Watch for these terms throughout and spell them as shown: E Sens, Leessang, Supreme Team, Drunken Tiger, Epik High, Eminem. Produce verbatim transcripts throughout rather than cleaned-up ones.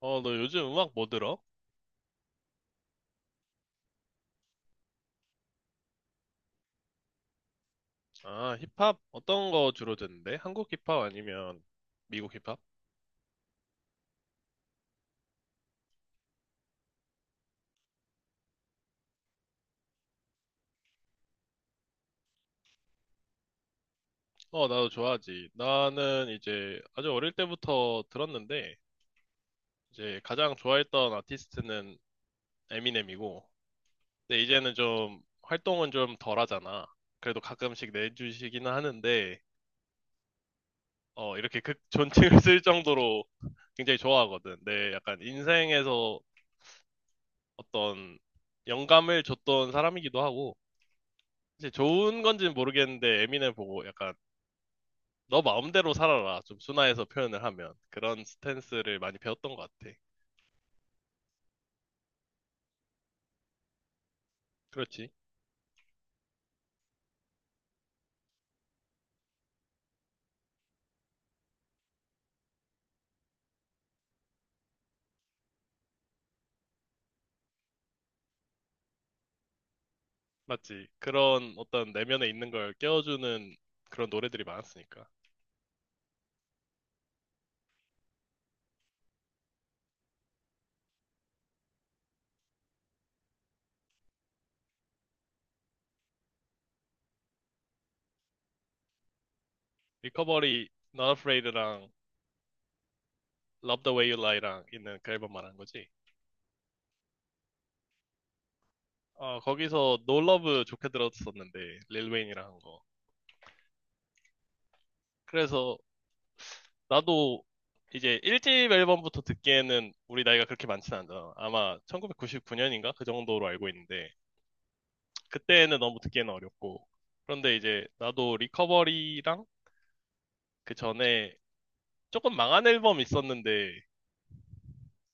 어, 너 요즘 음악 뭐 들어? 아, 힙합? 어떤 거 주로 듣는데? 한국 힙합 아니면 미국 힙합? 어, 나도 좋아하지. 나는 이제 아주 어릴 때부터 들었는데, 이제 가장 좋아했던 아티스트는 에미넴이고, 근데 이제는 좀 활동은 좀 덜 하잖아. 그래도 가끔씩 내주시기는 하는데, 어, 이렇게 극 존칭을 쓸 정도로 굉장히 좋아하거든. 내 약간 인생에서 어떤 영감을 줬던 사람이기도 하고, 이제 좋은 건지는 모르겠는데 에미넴 보고 약간 너 마음대로 살아라 좀 순화해서 표현을 하면 그런 스탠스를 많이 배웠던 것 같아. 그렇지, 맞지. 그런 어떤 내면에 있는 걸 깨워주는 그런 노래들이 많았으니까. 리커버리, Not Afraid랑 Love the Way You Lie랑 있는 그 앨범 말한 거지. 어, 거기서 No Love 좋게 들었었는데 릴 웨인이랑 한 거. 그래서 나도 이제 일 집 앨범부터 듣기에는 우리 나이가 그렇게 많지는 않잖아. 아마 천구백구십구 년인가? 그 정도로 알고 있는데, 그때는 너무 듣기에는 어렵고. 그런데 이제 나도 리커버리랑 그 전에 조금 망한 앨범 있었는데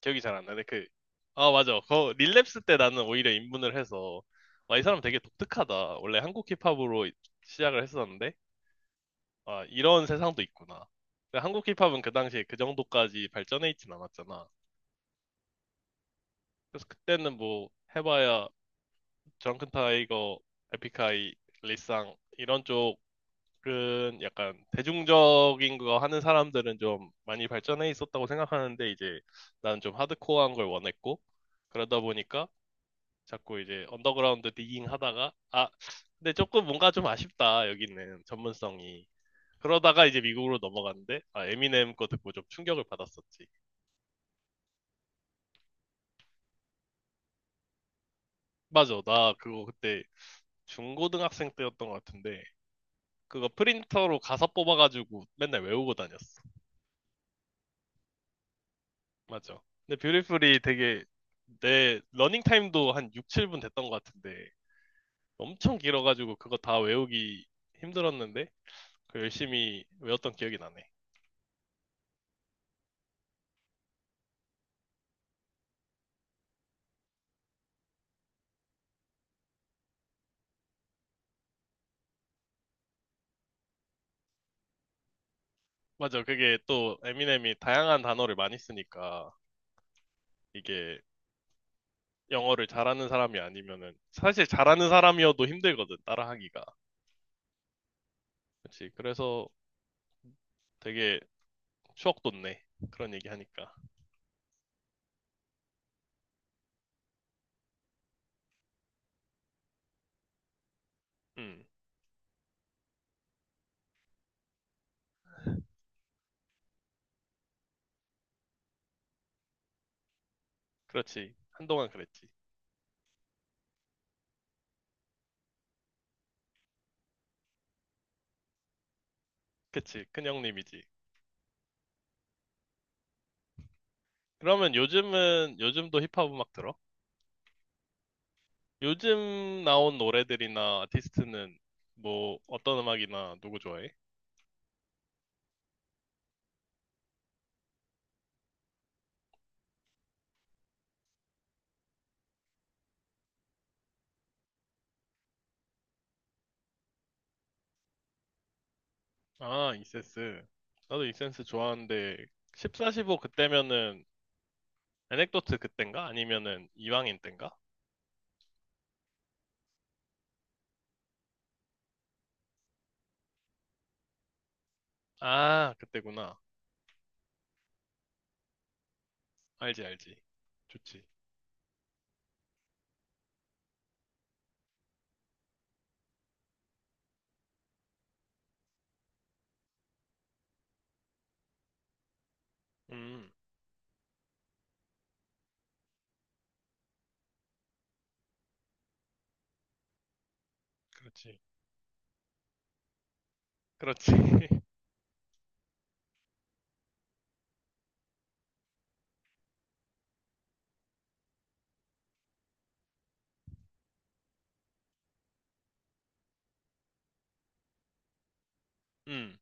기억이 잘 안 나네. 그, 아, 맞아. 그 릴랩스 때 나는 오히려 입문을 해서 와, 이 사람 되게 독특하다. 원래 한국 힙합으로 시작을 했었는데 아, 이런 세상도 있구나. 근데 한국 힙합은 그 당시에 그 정도까지 발전해 있진 않았잖아. 그래서 그때는 뭐 해봐야 드렁큰 타이거, 에픽하이, 리쌍 이런 쪽 은 약간 대중적인 거 하는 사람들은 좀 많이 발전해 있었다고 생각하는데 이제 나는 좀 하드코어한 걸 원했고 그러다 보니까 자꾸 이제 언더그라운드 디깅 하다가 아 근데 조금 뭔가 좀 아쉽다 여기는 전문성이. 그러다가 이제 미국으로 넘어갔는데 아 에미넴 거 듣고 좀 충격을 받았었지. 맞아 나 그거 그때 중고등학생 때였던 것 같은데 그거 프린터로 가사 뽑아가지고 맨날 외우고 다녔어. 맞죠. 근데 뷰티풀이 되게 내 러닝 타임도 한 육, 칠 분 됐던 것 같은데 엄청 길어가지고 그거 다 외우기 힘들었는데 그 열심히 외웠던 기억이 나네. 맞아. 그게 또 에미넴이 다양한 단어를 많이 쓰니까 이게 영어를 잘하는 사람이 아니면은 사실 잘하는 사람이어도 힘들거든 따라하기가. 그렇지. 그래서 되게 추억 돋네. 그런 얘기 하니까. 음. 그렇지. 한동안 그랬지. 그치. 큰형님이지. 그러면 요즘은 요즘도 힙합 음악 들어? 요즘 나온 노래들이나 아티스트는 뭐 어떤 음악이나 누구 좋아해? 아, 이센스. 나도 이센스 좋아하는데 십사, 십오 그때면은 에넥도트 그땐가? 아니면은 이방인 땐가? 아, 그때구나. 알지, 알지. 좋지. 음, 그렇지. 그렇지. 음,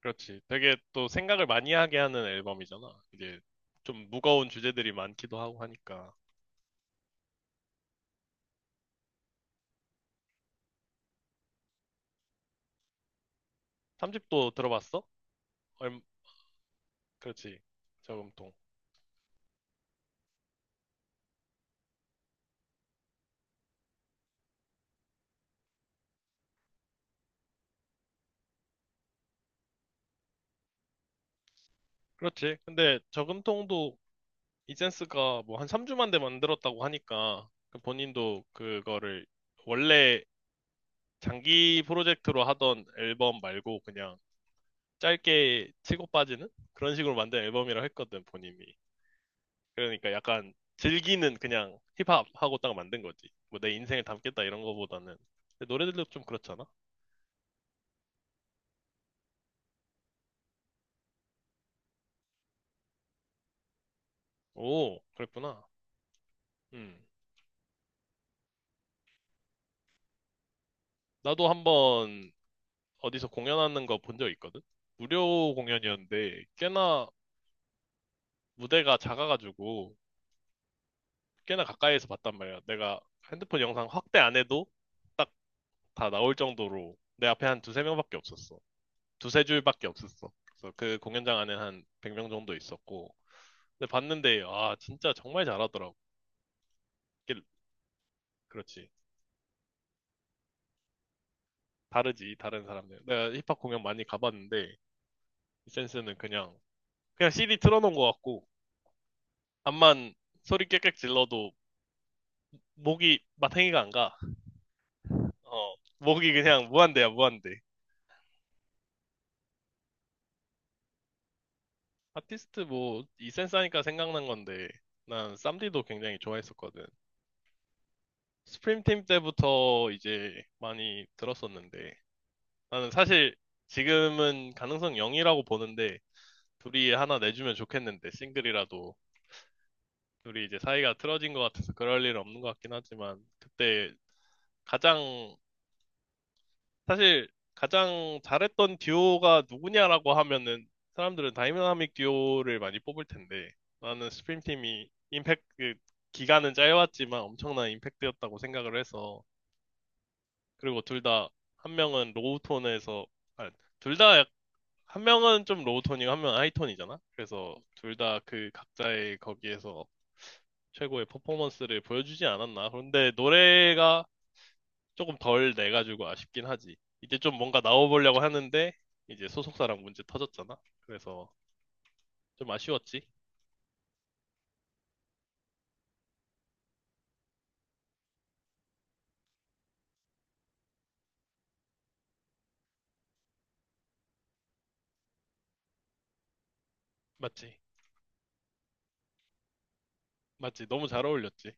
그렇지. 되게 또 생각을 많이 하게 하는 앨범이잖아. 이제 좀 무거운 주제들이 많기도 하고 하니까. 삼 집도 들어봤어? 얼, 그렇지. 저금통. 그렇지. 근데 저금통도 이센스가 뭐 한 삼 주 만에 만들었다고 하니까 그 본인도 그거를 원래 장기 프로젝트로 하던 앨범 말고 그냥 짧게 치고 빠지는 그런 식으로 만든 앨범이라 했거든, 본인이. 그러니까 약간 즐기는 그냥 힙합하고 딱 만든 거지. 뭐 내 인생을 담겠다 이런 거보다는. 근데 노래들도 좀 그렇잖아. 오, 그랬구나. 음. 나도 한번 어디서 공연하는 거 본 적 있거든? 무료 공연이었는데 꽤나 무대가 작아가지고 꽤나 가까이에서 봤단 말이야. 내가 핸드폰 영상 확대 안 해도 딱 다 나올 정도로 내 앞에 한 두세 명밖에 없었어. 두세 줄밖에 없었어. 그래서 그 공연장 안에 한 백 명 정도 있었고. 근데 봤는데, 아, 진짜 정말 잘하더라고. 이게 그렇지. 다르지, 다른 사람들. 내가 힙합 공연 많이 가봤는데, 이 센스는 그냥, 그냥 씨디 틀어놓은 것 같고, 암만 소리 깨끗 질러도 목이 마탱이가 안 가. 어, 목이 그냥 무한대야, 무한대. 아티스트 뭐 이센스 하니까 생각난 건데 난 쌈디도 굉장히 좋아했었거든. 스프림팀 때부터 이제 많이 들었었는데 나는 사실 지금은 가능성 영이라고 보는데 둘이 하나 내주면 좋겠는데 싱글이라도 둘이 이제 사이가 틀어진 것 같아서 그럴 일 없는 것 같긴 하지만 그때 가장 사실 가장 잘했던 듀오가 누구냐라고 하면은 사람들은 다이나믹 듀오를 많이 뽑을 텐데 나는 스프림팀이 임팩트 그 기간은 짧았지만 엄청난 임팩트였다고 생각을 해서 그리고 둘 다 한 명은 로우 톤에서 아, 둘 다 한 명은 좀 로우 톤이고 한 명은 하이 톤이잖아. 그래서 둘 다 그 각자의 거기에서 최고의 퍼포먼스를 보여주지 않았나. 그런데 노래가 조금 덜 내가지고 아쉽긴 하지. 이제 좀 뭔가 나와보려고 하는데 이제 소속사랑 문제 터졌잖아. 그래서 좀 아쉬웠지. 맞지? 맞지? 너무 잘 어울렸지.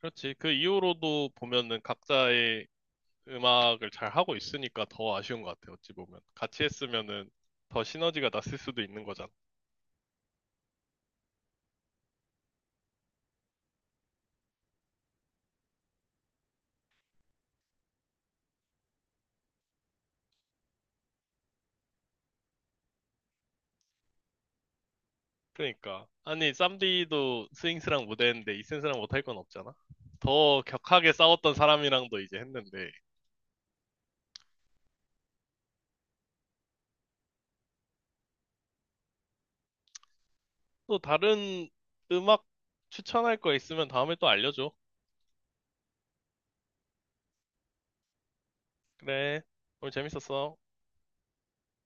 그렇지. 그 이후로도 보면은 각자의 음악을 잘 하고 있으니까 더 아쉬운 것 같아. 어찌 보면 같이 했으면은 더 시너지가 났을 수도 있는 거잖아. 그러니까 아니 쌈디도 스윙스랑 무대했는데 이센스랑 못 할 건 없잖아. 더 격하게 싸웠던 사람이랑도 이제 했는데 또 다른 음악 추천할 거 있으면 다음에 또 알려줘. 그래. 오늘 재밌었어.